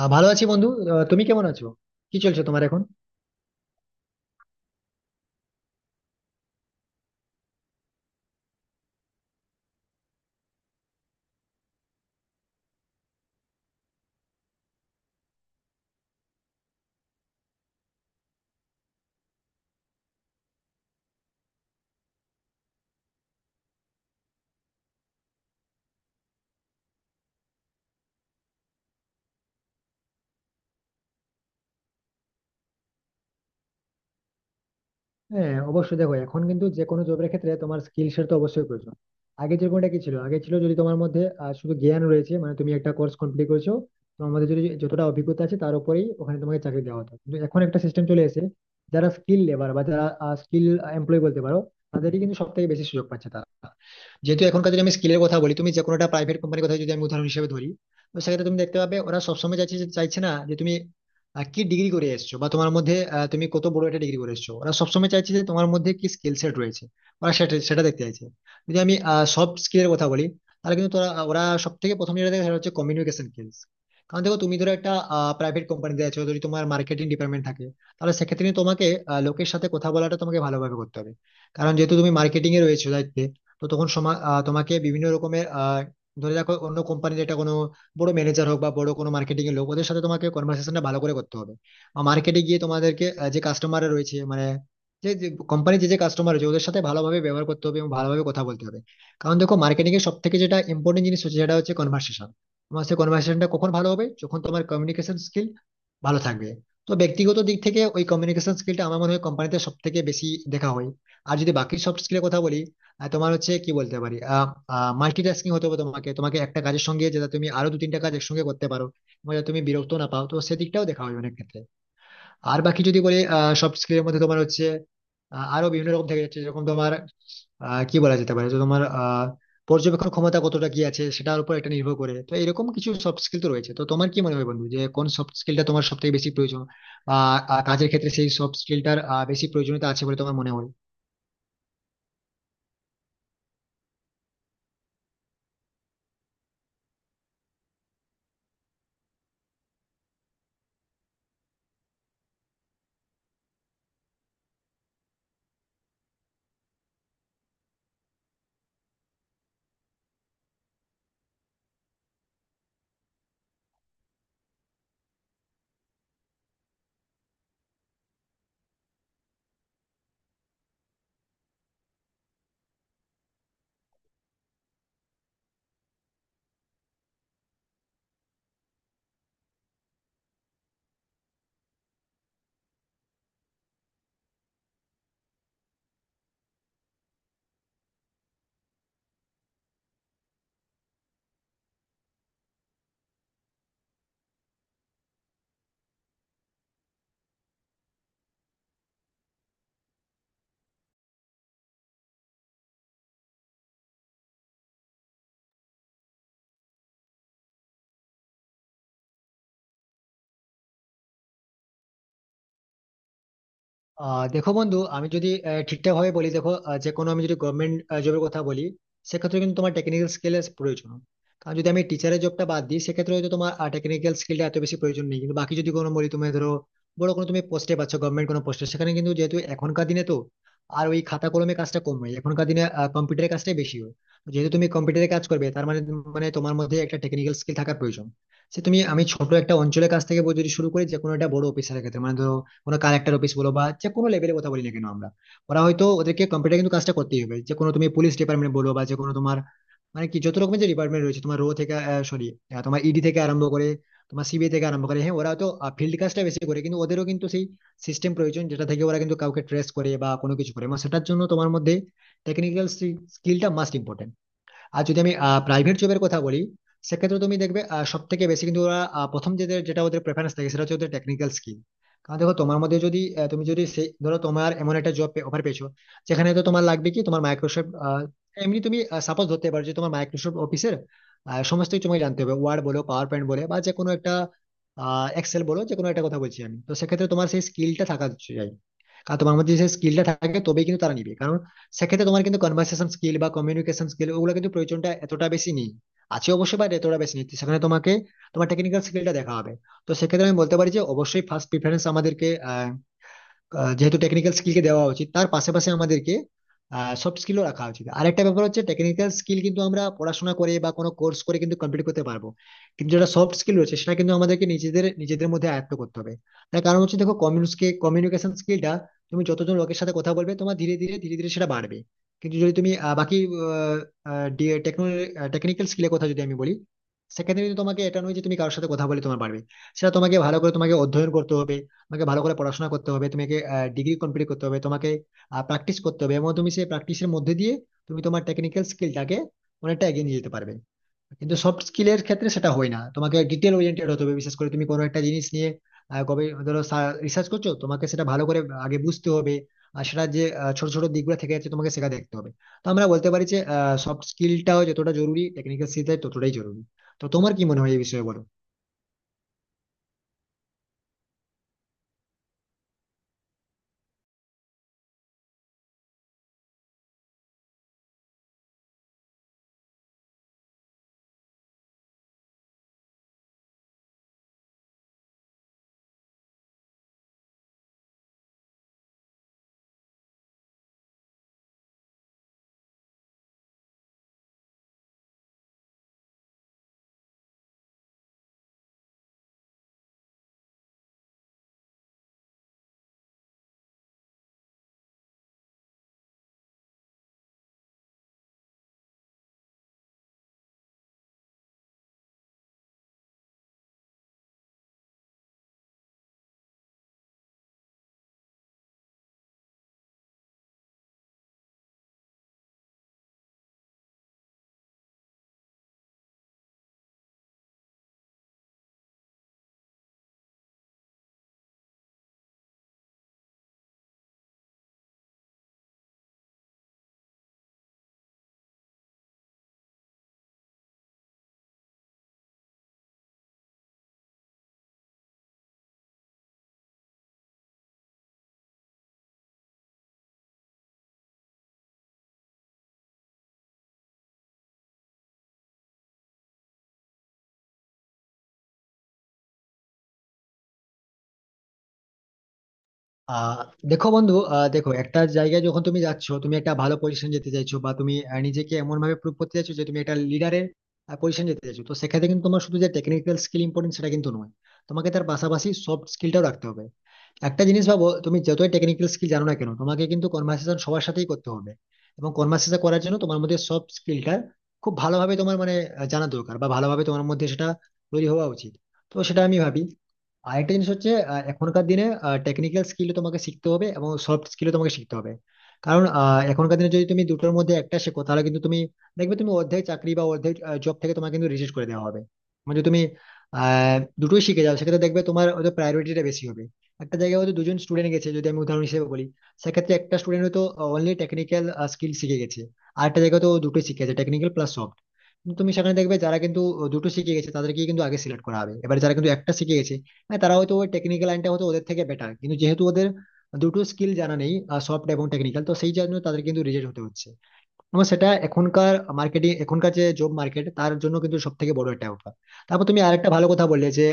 ভালো আছি বন্ধু। তুমি কেমন আছো? কি চলছে তোমার এখন? হ্যাঁ, অবশ্যই। দেখো, এখন কিন্তু যে কোনো জবের ক্ষেত্রে তোমার স্কিলসের তো অবশ্যই প্রয়োজন। আগে যেরকমটা কি ছিল, আগে ছিল যদি তোমার মধ্যে শুধু জ্ঞান রয়েছে, মানে তুমি একটা কোর্স কমপ্লিট করেছো। তোমার মধ্যে যদি যতটা অভিজ্ঞতা আছে তার উপরেই ওখানে তোমাকে চাকরি দেওয়া হতো, কিন্তু এখন একটা সিস্টেম চলে এসেছে। যারা স্কিল লেবার বা যারা স্কিল এমপ্লয় বলতে পারো, তাদেরই কিন্তু সব থেকে বেশি সুযোগ পাচ্ছে তারা। যেহেতু এখনকার যদি আমি স্কিলের কথা বলি, তুমি যে কোনো একটা প্রাইভেট কোম্পানির কথা যদি আমি উদাহরণ হিসেবে ধরি, তো সেক্ষেত্রে তুমি দেখতে পাবে ওরা সবসময় চাইছে, চাইছে না যে তুমি কি ডিগ্রি করে এসেছো বা তোমার মধ্যে তুমি কত বড় একটা ডিগ্রি করে এসেছো। ওরা সবসময় চাইছে যে তোমার মধ্যে কি স্কিল সেট রয়েছে। ওরা সেটা সেটা দেখতে চাইছে। যদি আমি সফট স্কিলের কথা বলি, তাহলে কিন্তু ওরা সব থেকে প্রথম যেটা দেখে সেটা হচ্ছে কমিউনিকেশন স্কিলস। কারণ দেখো, তুমি ধরো একটা প্রাইভেট কোম্পানিতে আছো, যদি তোমার মার্কেটিং ডিপার্টমেন্ট থাকে, তাহলে সেক্ষেত্রে কিন্তু তোমাকে লোকের সাথে কথা বলাটা তোমাকে ভালোভাবে করতে হবে। কারণ যেহেতু তুমি মার্কেটিং এ রয়েছো দায়িত্বে, তো তখন তোমাকে বিভিন্ন রকমের ধরে রাখো অন্য কোম্পানির, এটা কোনো বড় ম্যানেজার হোক বা বড় কোনো মার্কেটিং এর লোক, ওদের সাথে তোমাকে কনভার্সেশনটা ভালো করে করতে হবে। মার্কেটে গিয়ে তোমাদেরকে যে কাস্টমার রয়েছে, মানে যে কোম্পানি যে যে কাস্টমার রয়েছে, ওদের সাথে ভালোভাবে ব্যবহার করতে হবে এবং ভালোভাবে কথা বলতে হবে। কারণ দেখো, মার্কেটিং এর সব থেকে যেটা ইম্পর্টেন্ট জিনিস হচ্ছে সেটা হচ্ছে কনভার্সেশন। তোমার সেই কনভার্সেশনটা কখন ভালো হবে? যখন তোমার কমিউনিকেশন স্কিল ভালো থাকবে। তো ব্যক্তিগত দিক থেকে ওই কমিউনিকেশন স্কিলটা আমার মনে হয় কোম্পানিতে সব থেকে বেশি দেখা হয়। আর যদি বাকি সফট স্কিলের কথা বলি, আর তোমার হচ্ছে কি বলতে পারি, মাল্টিটাস্কিং হতে হবে তোমাকে তোমাকে একটা কাজের সঙ্গে যেটা তুমি আরো দু তিনটা কাজ একসঙ্গে করতে পারো, এবং যাতে তুমি বিরক্ত না পাও, তো সেদিকটাও দেখা হবে অনেক ক্ষেত্রে। আর বাকি যদি বলি, সব স্কিলের মধ্যে তোমার হচ্ছে আরো বিভিন্ন রকম থেকে যাচ্ছে, যেরকম তোমার কি বলা যেতে পারে যে তোমার পর্যবেক্ষণ ক্ষমতা কতটা কি আছে সেটার উপর এটা নির্ভর করে। তো এরকম কিছু সফট স্কিল তো রয়েছে। তো তোমার কি মনে হয় বন্ধু, যে কোন সফট স্কিলটা তোমার সব থেকে বেশি প্রয়োজন বা কাজের ক্ষেত্রে সেই সফট স্কিলটার বেশি প্রয়োজনীয়তা আছে বলে তোমার মনে হয়? দেখো বন্ধু, আমি যদি ঠিকঠাক ভাবে বলি, দেখো, যে কোনো আমি যদি গভর্নমেন্ট জবের কথা বলি, সেক্ষেত্রে কিন্তু তোমার টেকনিক্যাল স্কিলের প্রয়োজন। কারণ যদি আমি টিচারের জবটা বাদ দিই, সেক্ষেত্রে হয়তো তোমার টেকনিক্যাল স্কিলটা এত বেশি প্রয়োজন নেই, কিন্তু বাকি যদি কোনো বলি, তুমি ধরো বড় কোনো তুমি পোস্টে পাচ্ছ, গভর্নমেন্ট কোনো পোস্টে, সেখানে কিন্তু যেহেতু এখনকার দিনে তো আর ওই খাতা কলমে কাজটা কম হয় এখনকার দিনে, কম্পিউটারের কাজটাই বেশি হয়। তো যেহেতু তুমি কম্পিউটারে কাজ করবে, তার মানে মানে তোমার মধ্যে একটা টেকনিক্যাল স্কিল থাকার প্রয়োজন। সে তুমি আমি ছোট একটা অঞ্চলের কাছ থেকে যদি শুরু করি, যে কোনো একটা বড় অফিসারের ক্ষেত্রে, মানে ধরো কোনো কালেক্টর অফিস বলো বা যে কোনো লেভেলের কথা বলি না কেন আমরা, ওরা হয়তো, ওদেরকে কম্পিউটার কিন্তু কাজটা করতেই হবে। যে কোনো তুমি পুলিশ ডিপার্টমেন্ট বলো বা যে কোনো তোমার, মানে কি যত রকমের যে ডিপার্টমেন্ট রয়েছে, তোমার রো থেকে, সরি, তোমার ইডি থেকে আরম্ভ করে, তোমার সিবিআই থেকে আরম্ভ করে। হ্যাঁ, ওরা তো ফিল্ড কাজটা বেশি করে, কিন্তু ওদেরও কিন্তু সেই সিস্টেম প্রয়োজন যেটা থেকে ওরা কিন্তু কাউকে ট্রেস করে বা কোনো কিছু করে, এবং সেটার জন্য তোমার মধ্যে টেকনিক্যাল স্কিলটা মাস্ট ইম্পর্টেন্ট। আর যদি আমি প্রাইভেট জবের কথা বলি, সেক্ষেত্রে তুমি দেখবে সব থেকে বেশি কিন্তু ওরা, প্রথম যেটা ওদের প্রেফারেন্স থাকে সেটা হচ্ছে ওদের টেকনিক্যাল স্কিল। কারণ দেখো, তোমার মধ্যে যদি তুমি যদি সেই ধরো তোমার এমন একটা জব অফার পেয়েছো যেখানে তো তোমার লাগবে কি, তোমার মাইক্রোসফট, এমনি তুমি সাপোজ ধরতে পারো যে তোমার মাইক্রোসফট অফিসের সমস্ত কিছু তোমাকে জানতে হবে, ওয়ার্ড বলো, পাওয়ার পয়েন্ট বলে, বা যে কোনো একটা এক্সেল বলো, যে কোনো একটা কথা বলছি আমি। তো সেক্ষেত্রে তোমার সেই স্কিলটা থাকা চাই। কারণ তোমার মধ্যে সেই স্কিলটা থাকে তবেই কিন্তু তারা নিবে। কারণ সেক্ষেত্রে তোমার কিন্তু কনভার্সেশন স্কিল বা কমিউনিকেশন স্কিল, ওগুলো কিন্তু প্রয়োজনটা এতটা বেশি নেই। আছে অবশ্যই, বা এতটা বেশি নেই। তো সেখানে তোমাকে তোমার টেকনিক্যাল স্কিলটা দেখা হবে। তো সেক্ষেত্রে আমি বলতে পারি যে অবশ্যই ফার্স্ট প্রিফারেন্স আমাদেরকে, যেহেতু টেকনিক্যাল স্কিলকে দেওয়া উচিত, তার পাশাপাশি আমাদেরকে সফট স্কিলও রাখা উচিত। আরেকটা ব্যাপার হচ্ছে টেকনিক্যাল স্কিল কিন্তু আমরা পড়াশোনা করে বা কোনো কোর্স করে কিন্তু কমপ্লিট করতে পারবো, কিন্তু যেটা সফট স্কিল রয়েছে সেটা কিন্তু আমাদেরকে নিজেদের নিজেদের মধ্যে আয়ত্ত করতে হবে। তার কারণ হচ্ছে, দেখো, কমিউনিকেশন স্কিলটা তুমি যতজন লোকের সাথে কথা বলবে তোমার ধীরে ধীরে সেটা বাড়বে। কিন্তু যদি তুমি বাকি টেকনিক্যাল স্কিলের কথা যদি আমি বলি, সেক্ষেত্রে কিন্তু তোমাকে এটা নয় যে তুমি কারোর সাথে কথা বলে তোমার বাড়বে। সেটা তোমাকে ভালো করে তোমাকে অধ্যয়ন করতে হবে, তোমাকে ভালো করে পড়াশোনা করতে হবে, তোমাকে ডিগ্রি কমপ্লিট করতে হবে, তোমাকে প্র্যাকটিস করতে হবে, এবং তুমি সেই প্র্যাকটিসের মধ্যে দিয়ে তুমি তোমার টেকনিক্যাল স্কিলটাকে অনেকটা এগিয়ে নিয়ে যেতে পারবে। কিন্তু সফট স্কিলের ক্ষেত্রে সেটা হয় না। তোমাকে ডিটেল ওরিয়েন্টেড হতে হবে, বিশেষ করে তুমি কোনো একটা জিনিস নিয়ে আহ, গবে ধরো রিসার্চ করছো, তোমাকে সেটা ভালো করে আগে বুঝতে হবে। আর সেটা যে ছোট ছোট দিকগুলো থেকে যাচ্ছে তোমাকে সেটা দেখতে হবে। তো আমরা বলতে পারি যে সফট স্কিলটাও যতটা জরুরি, টেকনিক্যাল স্কিলটা ততটাই জরুরি। তো তোমার কি মনে হয় এই বিষয়ে, বলো। আহ দেখো বন্ধু, দেখো, একটা জায়গায় যখন তুমি যাচ্ছ, তুমি একটা ভালো পজিশন যেতে চাইছো বা তুমি নিজেকে এমন ভাবে প্রুভ করতে চাইছো যে তুমি একটা লিডারের পজিশন যেতে চাইছো, তো সেক্ষেত্রে কিন্তু তোমার শুধু যে টেকনিক্যাল স্কিল ইম্পর্টেন্ট সেটা কিন্তু নয়, তোমাকে তার পাশাপাশি সফট স্কিলটাও রাখতে হবে। একটা জিনিস ভাবো, তুমি যতই টেকনিক্যাল স্কিল জানো না কেন, তোমাকে কিন্তু কনভার্সেশন সবার সাথেই করতে হবে। এবং কনভার্সেশন করার জন্য তোমার মধ্যে সব স্কিলটা খুব ভালোভাবে তোমার মানে জানা দরকার বা ভালোভাবে তোমার মধ্যে সেটা তৈরি হওয়া উচিত। তো সেটা আমি ভাবি। আর একটা জিনিস হচ্ছে, এখনকার দিনে টেকনিক্যাল স্কিল তোমাকে শিখতে হবে এবং সফট স্কিলও তোমাকে শিখতে হবে। কারণ এখনকার দিনে যদি তুমি দুটোর মধ্যে একটা শেখো, তাহলে কিন্তু তুমি দেখবে তুমি অর্ধেক চাকরি বা অর্ধেক জব থেকে তোমাকে কিন্তু রিজেক্ট করে দেওয়া হবে। মানে যদি তুমি দুটোই শিখে যাও, সেক্ষেত্রে দেখবে তোমার হয়তো প্রায়োরিটিটা বেশি হবে। একটা জায়গায় হয়তো দুজন স্টুডেন্ট গেছে যদি আমি উদাহরণ হিসেবে বলি, সেক্ষেত্রে একটা স্টুডেন্ট হয়তো অনলি টেকনিক্যাল স্কিল শিখে গেছে, আর একটা জায়গায় তো দুটো শিখেছে, টেকনিক্যাল প্লাস সফট। তুমি সেখানে দেখবে যারা কিন্তু দুটো শিখে গেছে তাদেরকে কিন্তু আগে সিলেক্ট করা হবে, এবার যারা কিন্তু একটা শিখে গেছে, হ্যাঁ, তারা হয়তো ওই টেকনিক্যাল লাইনটা হয়তো ওদের থেকে বেটার, কিন্তু যেহেতু ওদের দুটো স্কিল জানা নেই, সফট এবং টেকনিক্যাল, তো সেই জন্য তাদের কিন্তু রিজেক্ট হতে হচ্ছে। এবং সেটা এখনকার মার্কেটিং, এখনকার যে জব মার্কেট, তার জন্য কিন্তু সব থেকে বড় একটা ওঠা। তারপর তুমি আরেকটা ভালো কথা বললে যে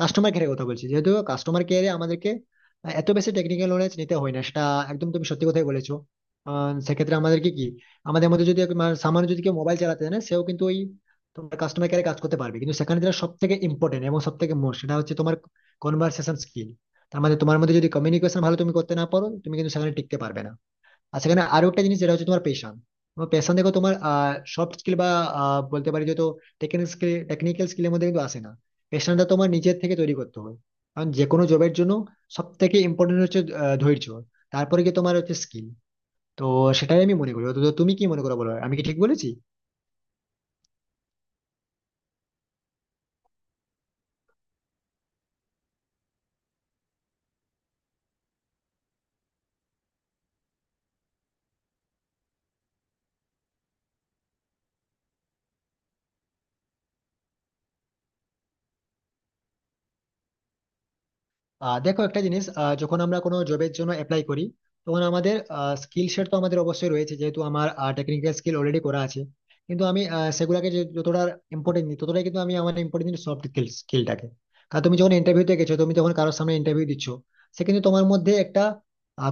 কাস্টমার কেয়ারের কথা বলছি, যেহেতু কাস্টমার কেয়ারে আমাদেরকে এত বেশি টেকনিক্যাল নলেজ নিতে হয় না, সেটা একদম তুমি সত্যি কথাই বলেছো। সেক্ষেত্রে আমাদেরকে কি, আমাদের মধ্যে যদি মানে সামান্য যদি কেউ মোবাইল চালাতে জানে সেও কিন্তু ওই তোমার কাস্টমার কেয়ারে কাজ করতে পারবে, কিন্তু সেখানে যেটা সব থেকে ইম্পর্টেন্ট এবং সব থেকে মোস্ট সেটা হচ্ছে তোমার কনভার্সেশন স্কিল। তার মানে তোমার মধ্যে যদি কমিউনিকেশন ভালো তুমি করতে না পারো, তুমি কিন্তু সেখানে টিকতে পারবে না। আর সেখানে আরো একটা জিনিস যেটা হচ্ছে তোমার পেশন। তোমার পেশন, দেখো, তোমার সফট স্কিল বা বলতে পারি যে তো টেকনিক্যাল স্কিলের মধ্যে কিন্তু আসে না। পেশনটা তোমার নিজের থেকে তৈরি করতে হয়। কারণ যে কোনো জবের জন্য সব থেকে ইম্পর্টেন্ট হচ্ছে ধৈর্য, তারপরে কি তোমার হচ্ছে স্কিল। তো সেটাই আমি মনে করি। তো তুমি কি মনে করো বলো, আমি কি ঠিক বলেছি? দেখো একটা জিনিস, যখন আমরা কোনো জবের জন্য অ্যাপ্লাই করি, তখন আমাদের স্কিল সেট তো আমাদের অবশ্যই রয়েছে, যেহেতু আমার টেকনিক্যাল স্কিল অলরেডি করা আছে। কিন্তু আমি সেগুলাকে যতটা ইম্পর্টেন্ট দিই ততটাই কিন্তু আমি আমার ইম্পর্টেন্ট দিই সফট স্কিলটাকে। কারণ তুমি যখন ইন্টারভিউতে গেছো, তুমি যখন কারোর সামনে ইন্টারভিউ দিচ্ছ, সে কিন্তু তোমার মধ্যে একটা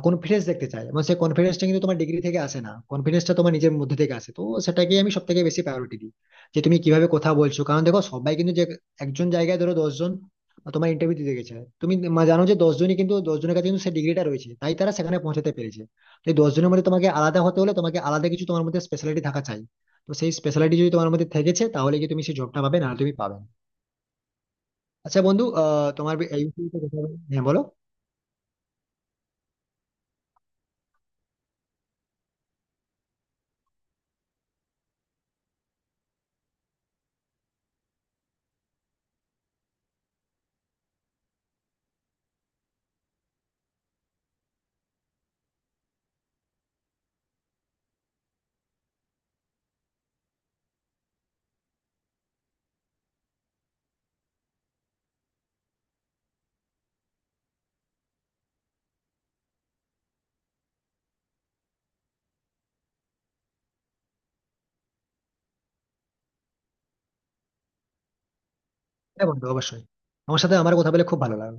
কনফিডেন্স দেখতে চায়, এবং সেই কনফিডেন্সটা কিন্তু তোমার ডিগ্রি থেকে আসে না, কনফিডেন্সটা তোমার নিজের মধ্যে থেকে আসে। তো সেটাকে আমি সব থেকে বেশি প্রায়োরিটি দিই, যে তুমি কিভাবে কথা বলছো। কারণ দেখো, সবাই কিন্তু যে একজন জায়গায় ধরো দশজন তোমার ইন্টারভিউ দিতে গেছে, তুমি জানো যে দশ জনই কিন্তু দশ জনের কাছে কিন্তু সেই ডিগ্রিটা রয়েছে, তাই তারা সেখানে পৌঁছাতে পেরেছে। তো এই দশ জনের মধ্যে তোমাকে আলাদা হতে হলে, তোমাকে আলাদা কিছু, তোমার মধ্যে স্পেশালিটি থাকা চাই। তো সেই স্পেশালিটি যদি তোমার মধ্যে থেকেছে তাহলে কি তুমি সেই জবটা পাবে না? তুমি পাবে না। আচ্ছা বন্ধু, তোমার এই বিষয়ে তো কথা হ্যাঁ, বলো। হ্যাঁ বন্ধু, অবশ্যই। আমার সাথে আমার কথা বলে খুব ভালো লাগলো।